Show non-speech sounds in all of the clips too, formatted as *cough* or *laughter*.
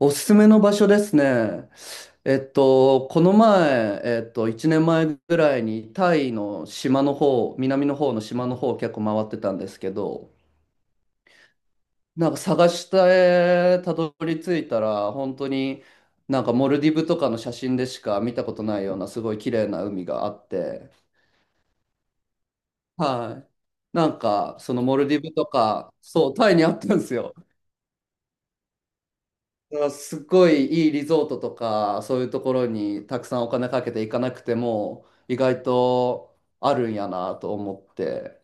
おすすめの場所ですね。この前、1年前ぐらいにタイの島の方、南の方の島の方を結構回ってたんですけど、なんか探してたどり着いたら、本当になんかモルディブとかの写真でしか見たことないようなすごい綺麗な海があって、はい。なんかそのモルディブとか、そう、タイにあったんですよ。あすっごいいいリゾートとか、そういうところにたくさんお金かけて行かなくても、意外とあるんやなと思って。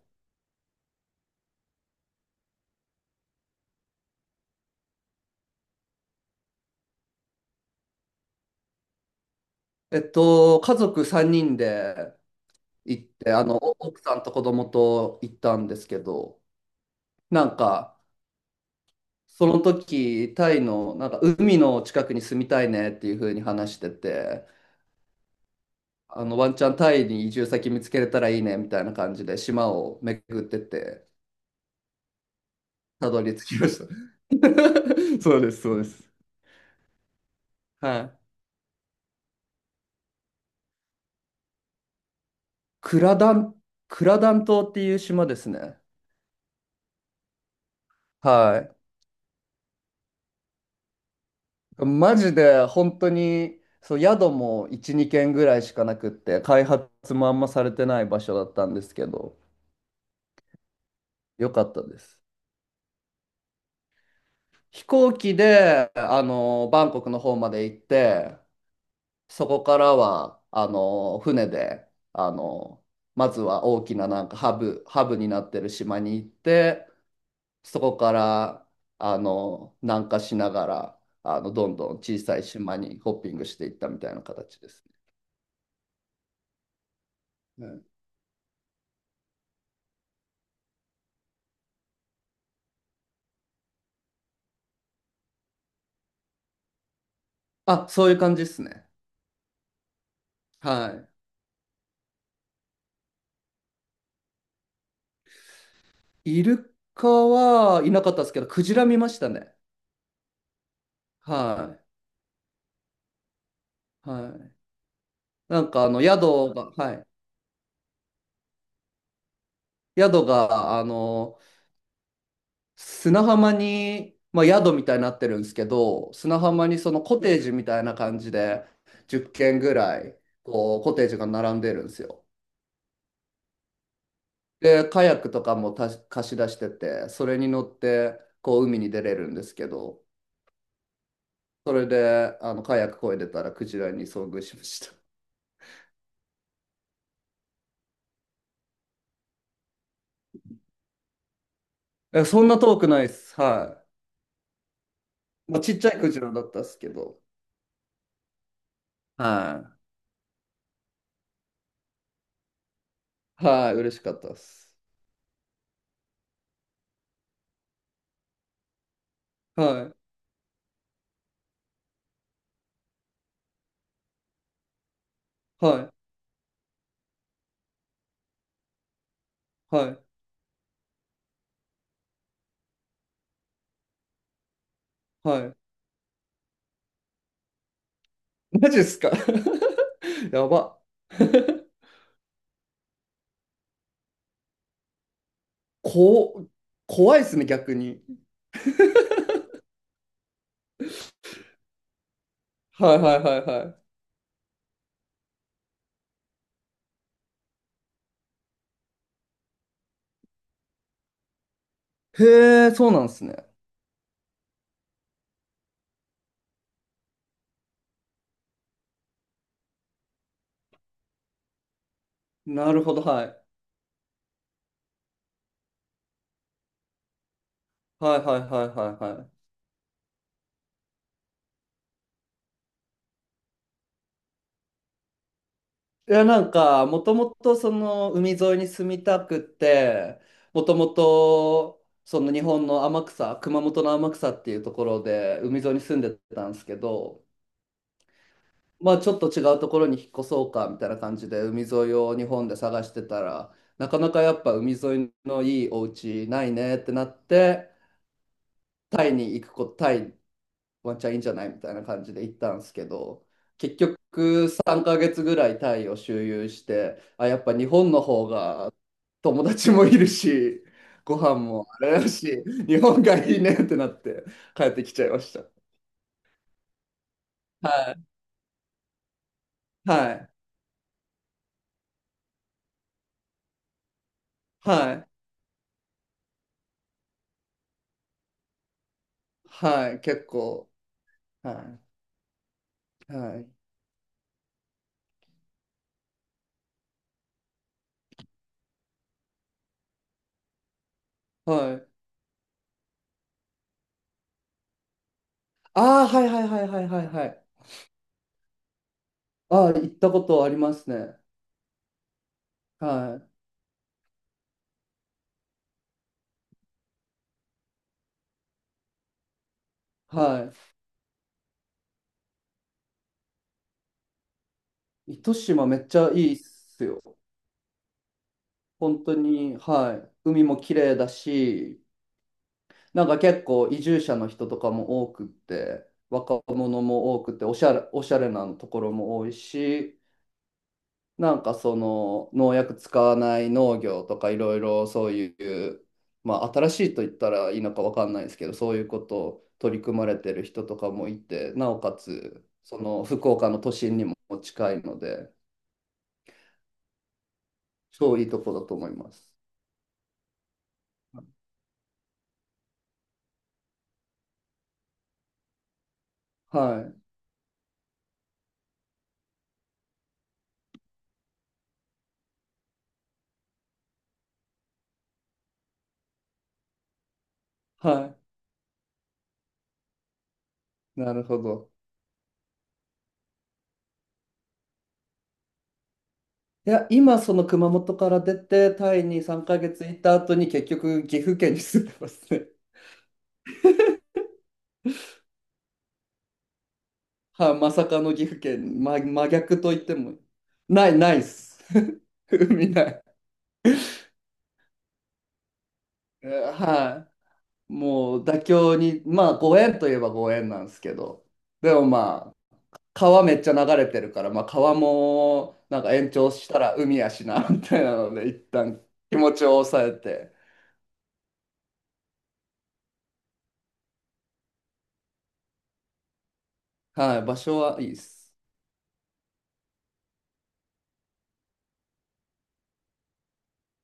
家族3人で行って、あの、奥さんと子供と行ったんですけど、なんか、その時、タイの、なんか、海の近くに住みたいねっていう風に話してて、あの、ワンチャンタイに移住先見つけれたらいいねみたいな感じで、島を巡ってって、たどり着きました。*laughs* そうです、そうです。はい。クラダン、クラダン島っていう島ですね。はい。マジで本当に、そう、宿も1、2軒ぐらいしかなくって、開発もあんまされてない場所だったんですけど、よかったです。飛行機で、あの、バンコクの方まで行って、そこからは、あの、船で、あの、まずは大きななんかハブになってる島に行って、そこからあの南下しながらあのどんどん小さい島にホッピングしていったみたいな形ですね。うん。あ、そういう感じですね。はい。イルカはいなかったですけど、クジラ見ましたね。はい。はい。なんかあの宿が、はい。宿があの砂浜に、まあ、宿みたいになってるんですけど、砂浜にそのコテージみたいな感じで10軒ぐらいこうコテージが並んでるんですよ。で、カヤックとかもた貸し出してて、それに乗ってこう海に出れるんですけど、それであのカヤック漕いでたらクジラに遭遇しました。え、そんな遠くないっす。はい。まあ、ちっちゃいクジラだったっすけど、はい。はい、嬉しかったっす。はい、はい、はい、はい。マジっすか？ *laughs* やば。*laughs* こ、怖いっすね、逆に。*laughs* はいはいはいはい。へえ、そうなんですね。なるほど、はい。はいはいはいはいはい。いや、なんか、もともとその海沿いに住みたくて、もともとその日本の天草、熊本の天草っていうところで海沿いに住んでたんですけど、まあちょっと違うところに引っ越そうかみたいな感じで海沿いを日本で探してたら、なかなかやっぱ海沿いのいいお家ないねってなって、タイに行くこと、タイワンチャンいいんじゃないみたいな感じで行ったんですけど、結局3ヶ月ぐらいタイを周遊して、あ、やっぱ日本の方が友達もいるし、ご飯もあれだし、日本がいいねってなって帰ってきちゃいました。はい、はい、はい、はい、結構、はい、はい、はい。ああ、はいはいはいはいはいはい。ああ、行ったことありますね。はい、はい。糸島めっちゃいいっすよ。本当に、はい、海も綺麗だし、なんか結構移住者の人とかも多くって、若者も多くて、おしゃれ、おしゃれなところも多いし、なんかその農薬使わない農業とかいろいろそういう、まあ新しいと言ったらいいのかわかんないですけど、そういうことを取り組まれてる人とかもいて、なおかつその福岡の都心にも近いので、超いいとこだと思います。はい、はい、なるほど。いや、今その熊本から出て、タイに3ヶ月いた後に結局岐阜県に住んでますね。*laughs* はい、まさかの岐阜県、ま、真逆と言っても、ない、ないっす。*laughs* 海ない。はい。もう妥協に、まあご縁といえばご縁なんですけど、でもまあ、川めっちゃ流れてるから、まあ川もなんか延長したら海やしな、みたいなので、一旦気持ちを抑えて、はい、場所はいいっす。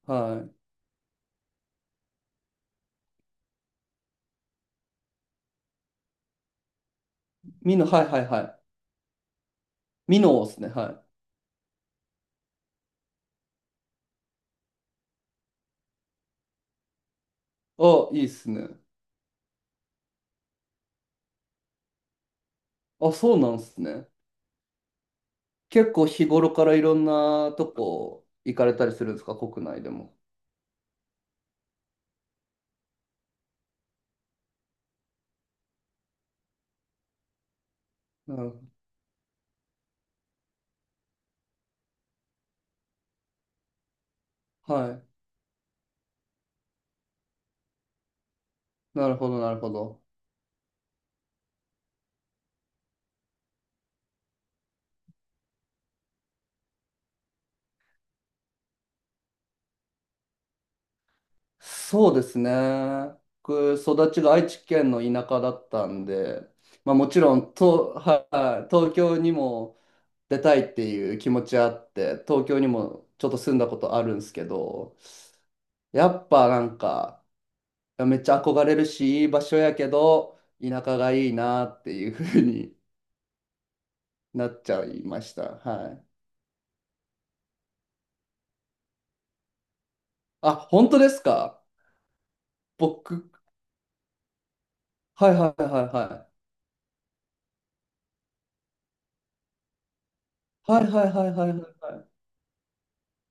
はい。美濃、はいはいはい。美濃ですね、はい。あ、いいっすね。あ、そうなんすね。結構日頃からいろんなとこ行かれたりするんですか、国内でも。なるほど。はい。なるほど、なるほど。そうですね。僕、育ちが愛知県の田舎だったんで、まあもちろん、はい、東京にも出たいっていう気持ちあって、東京にもちょっと住んだことあるんですけど、やっぱなんか、めっちゃ憧れるし、いい場所やけど、田舎がいいなっていうふうになっちゃいました。はい。あ、本当ですか？僕、はいはいはいはい。はいはいはいはいはいはい。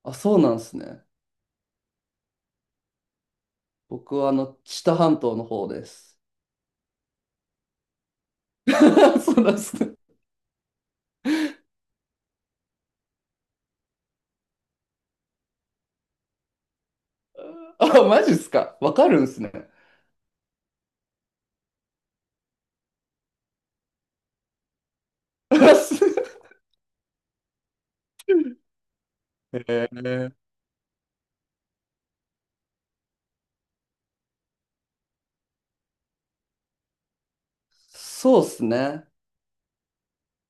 あ、そうなんですね。僕はあの、知多半島の方です。*laughs* そうなんですね。あ、マジっすか？わかるんすね。*laughs* へえ。そうっすね。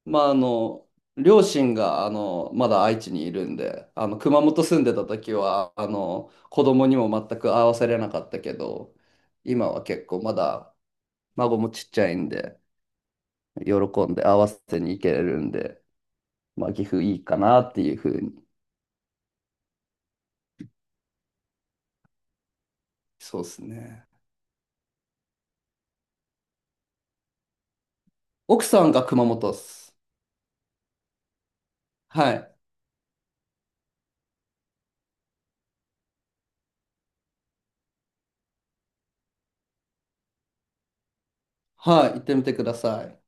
まああの両親があのまだ愛知にいるんであの熊本住んでた時はあの子供にも全く会わせれなかったけど今は結構まだ孫もちっちゃいんで、喜んで合わせに行けるんで、まあ、岐阜いいかなっていうふうに。そうですね。奥さんが熊本っす。はい。はい。行ってみてください。